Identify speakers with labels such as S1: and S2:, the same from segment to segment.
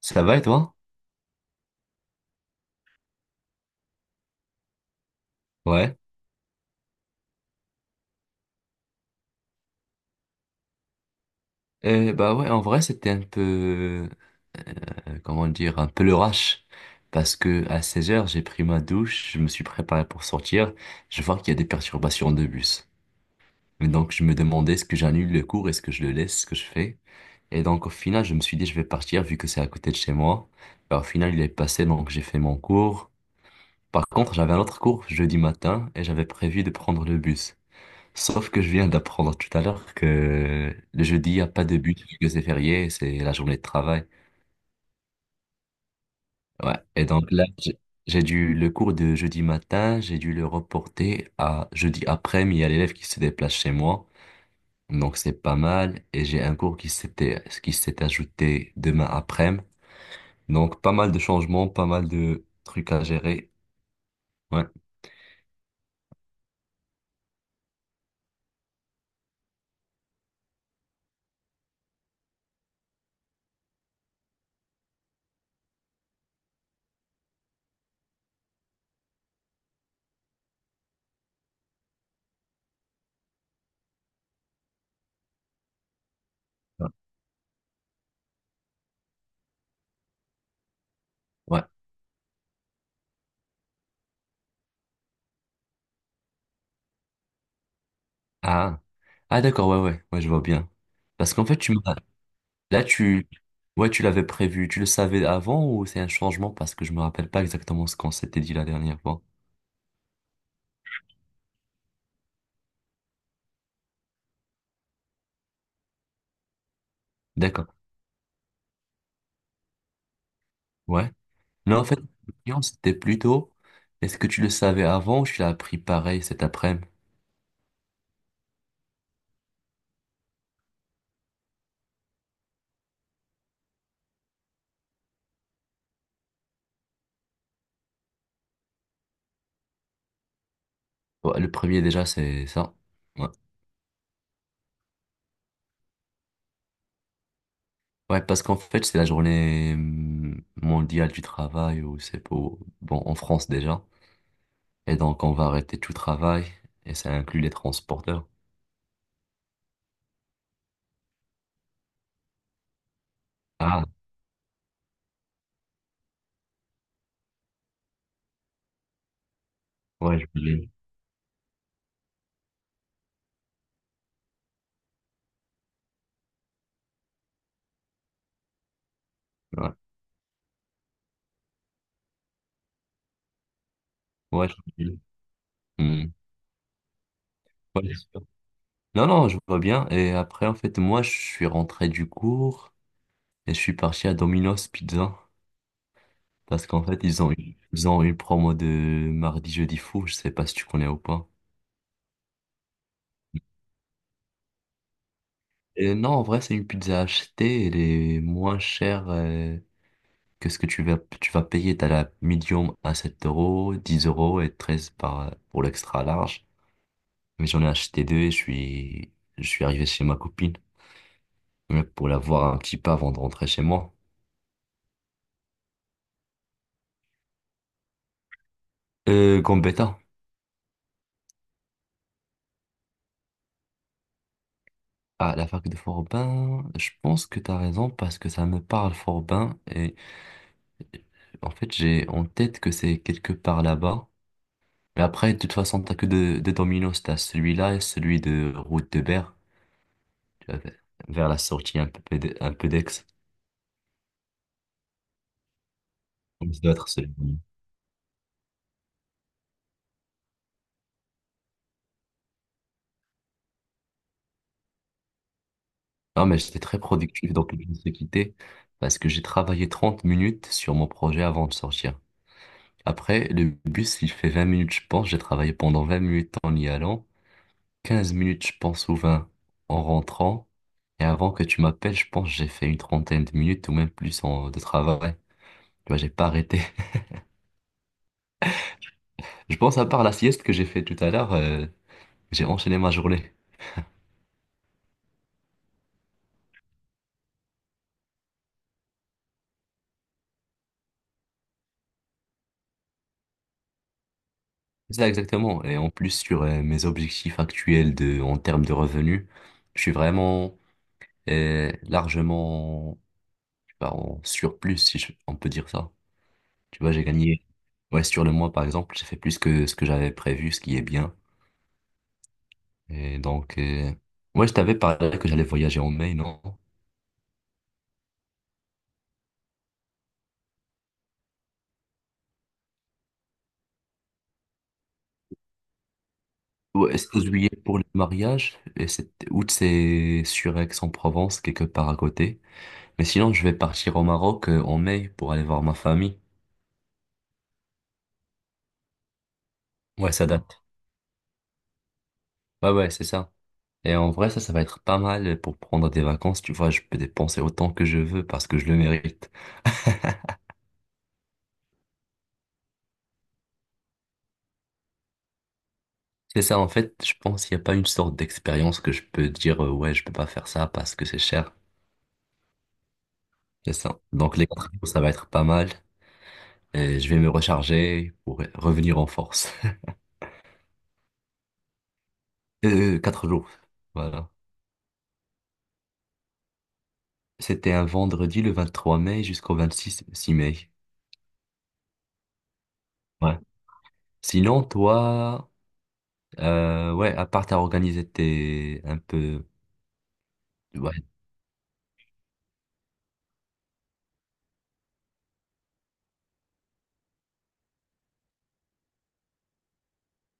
S1: Ça va et toi? Ouais. Bah ouais, en vrai, c'était un peu, comment dire, un peu le rush. Parce que à 16 heures, j'ai pris ma douche, je me suis préparé pour sortir. Je vois qu'il y a des perturbations de bus. Et donc, je me demandais est-ce que j'annule le cours, est-ce que je le laisse, ce que je fais. Et donc, au final, je me suis dit, je vais partir vu que c'est à côté de chez moi. Bah, au final, il est passé, donc j'ai fait mon cours. Par contre, j'avais un autre cours jeudi matin et j'avais prévu de prendre le bus. Sauf que je viens d'apprendre tout à l'heure que le jeudi, il n'y a pas de but, vu que c'est férié, c'est la journée de travail. Ouais. Et donc là, j'ai dû le cours de jeudi matin, j'ai dû le reporter à jeudi après-midi. Il y a l'élève qui se déplace chez moi, donc c'est pas mal. Et j'ai un cours qui s'est ajouté demain après-midi. Donc pas mal de changements, pas mal de trucs à gérer. Ouais. Ouais. Ouais. Ah. Ah d'accord, ouais, ouais, ouais, je vois bien. Parce qu'en fait, tu m'as Là, tu, ouais, tu l'avais prévu, tu le savais avant ou c'est un changement parce que je me rappelle pas exactement ce qu'on s'était dit la dernière fois. D'accord. Ouais. Non, en fait, la question, c'était plutôt, est-ce que tu le savais avant ou tu l'as appris pareil cet après-midi? Ouais, le premier déjà, c'est ça. Ouais. Ouais, parce qu'en fait, c'est la journée mondiale du travail ou c'est pour, bon, en France déjà. Et donc, on va arrêter tout travail et ça inclut les transporteurs. Ah, ouais, je voulais. Ouais, ouais, je voulais. Hum. Ouais. Non, non, je vois bien. Et après, en fait, moi, je suis rentré du cours et je suis parti à Domino's Pizza parce qu'en fait, ils ont une promo de mardi, jeudi fou. Je sais pas si tu connais ou pas. Et non, en vrai, c'est une pizza achetée. Elle est moins chère que ce que tu vas payer. T'as la medium à 7 euros, 10 € et 13 pour l'extra large. Mais j'en ai acheté deux et je suis arrivé chez ma copine pour la voir un petit peu avant de rentrer chez moi. Gambetta. Ah, la fac de Forbin, je pense que tu as raison parce que ça me parle Forbin et en fait j'ai en tête que c'est quelque part là-bas. Mais après, de toute façon, t'as que deux, deux dominos, t'as celui-là et celui de route de Berre, tu vois, vers la sortie un peu d'Aix. Donc, ça doit être celui. Non, mais j'étais très productif donc je me suis quitté parce que j'ai travaillé 30 minutes sur mon projet avant de sortir. Après, le bus, il fait 20 minutes, je pense. J'ai travaillé pendant 20 minutes en y allant. 15 minutes, je pense, ou 20 en rentrant. Et avant que tu m'appelles, je pense que j'ai fait une trentaine de minutes ou même plus de travail. Tu vois, j'ai pas arrêté. Je pense à part la sieste que j'ai fait tout à l'heure, j'ai enchaîné ma journée. C'est ça exactement. Et en plus sur mes objectifs actuels de, en termes de revenus, je suis vraiment largement je sais pas, en surplus, si je- on peut dire ça. Tu vois, j'ai gagné. Ouais, sur le mois, par exemple, j'ai fait plus que ce que j'avais prévu, ce qui est bien. Et donc, ouais, je t'avais parlé que j'allais voyager en mai, non? Ouais, est-ce que juillet pour le mariage? Et c'est août, c'est sur Aix-en-Provence, quelque part à côté. Mais sinon, je vais partir au Maroc en mai pour aller voir ma famille. Ouais, ça date. Ouais, ouais, c'est ça. Et en vrai, ça va être pas mal pour prendre des vacances. Tu vois, je peux dépenser autant que je veux parce que je le mérite. C'est ça, en fait, je pense qu'il n'y a pas une sorte d'expérience que je peux dire, ouais, je peux pas faire ça parce que c'est cher. C'est ça. Donc, les 4 jours, ça va être pas mal. Et je vais me recharger pour revenir en force. Quatre jours. Voilà. C'était un vendredi le 23 mai jusqu'au 26 6 mai. Ouais. Sinon, toi, ouais, à part t'as organisé tes un peu. Ouais.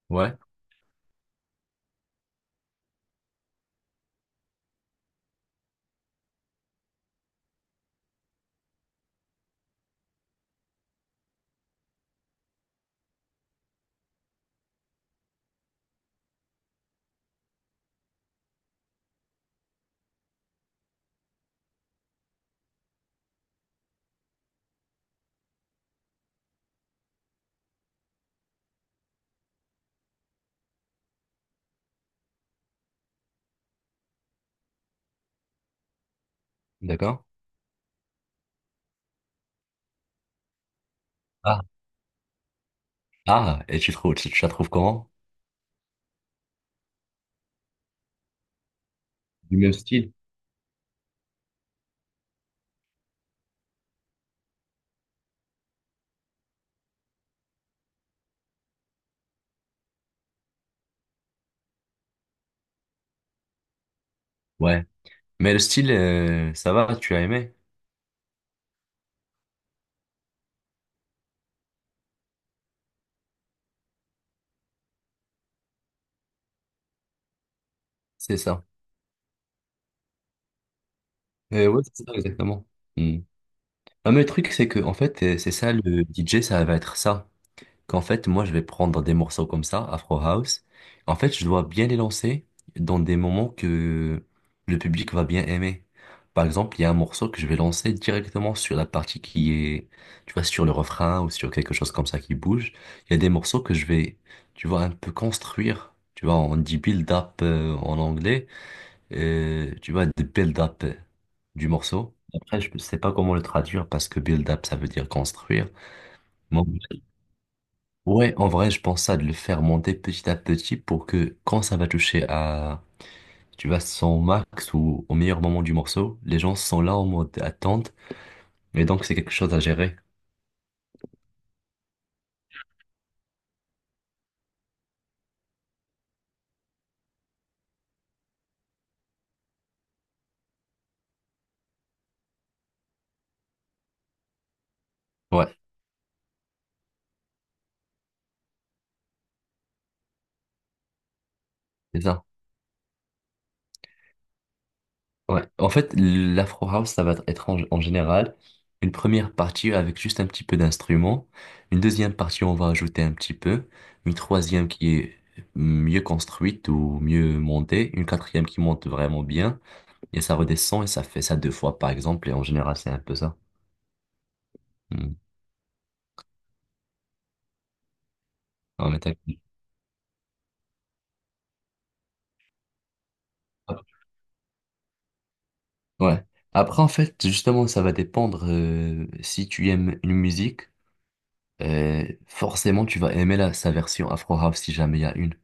S1: Ouais. D'accord. Ah, ah, et tu trouves, tu la trouves comment? Du même style. Ouais. Mais le style, ça va, tu as aimé. C'est ça. Ouais, c'est ça, exactement. Hmm. Un autre truc, c'est que, en fait, c'est ça, le DJ, ça va être ça. Qu'en fait, moi, je vais prendre des morceaux comme ça, Afro House. En fait, je dois bien les lancer dans des moments que le public va bien aimer. Par exemple, il y a un morceau que je vais lancer directement sur la partie qui est, tu vois, sur le refrain ou sur quelque chose comme ça qui bouge. Il y a des morceaux que je vais, tu vois, un peu construire. Tu vois, on dit build-up en anglais. Tu vois, de build-up du morceau. Après, je ne sais pas comment le traduire parce que build-up, ça veut dire construire. Moi, ouais, en vrai, je pense à de le faire monter petit à petit pour que quand ça va toucher à, tu vois, son max ou au meilleur moment du morceau, les gens sont là en mode attente. Et donc, c'est quelque chose à gérer. Ouais, c'est ça. Ouais. En fait, l'Afro House, ça va être en, en général une première partie avec juste un petit peu d'instruments. Une deuxième partie, on va ajouter un petit peu. Une troisième qui est mieux construite ou mieux montée. Une quatrième qui monte vraiment bien. Et ça redescend et ça fait ça 2 fois, par exemple. Et en général, c'est un peu ça. Hmm. On est d'accord. Ouais. Après, en fait, justement, ça va dépendre si tu aimes une musique. Forcément tu vas aimer la, sa version Afro House si jamais il y a une.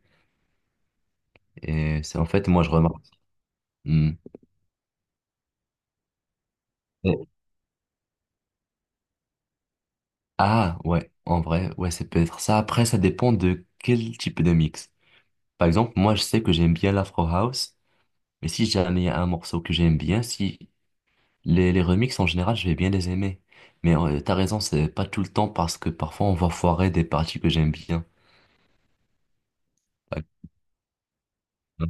S1: Et c'est en fait, moi, je remarque. Hmm. Et- Ah, ouais, en vrai, ouais, c'est peut-être ça. Après, ça dépend de quel type de mix. Par exemple, moi, je sais que j'aime bien l'Afro House, mais si jamais il y a un morceau que j'aime bien, si les remixes, en général, je vais bien les aimer. Mais t'as raison, c'est pas tout le temps parce que parfois on va foirer des parties que j'aime bien. Ouais,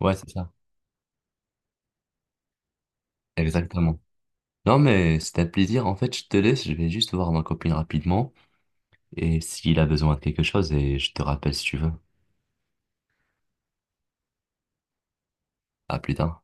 S1: ouais, c'est ça. Exactement. Non, mais c'était un plaisir. En fait, je te laisse, je vais juste voir ma copine rapidement. Et s'il a besoin de quelque chose, et je te rappelle si tu veux. À plus tard.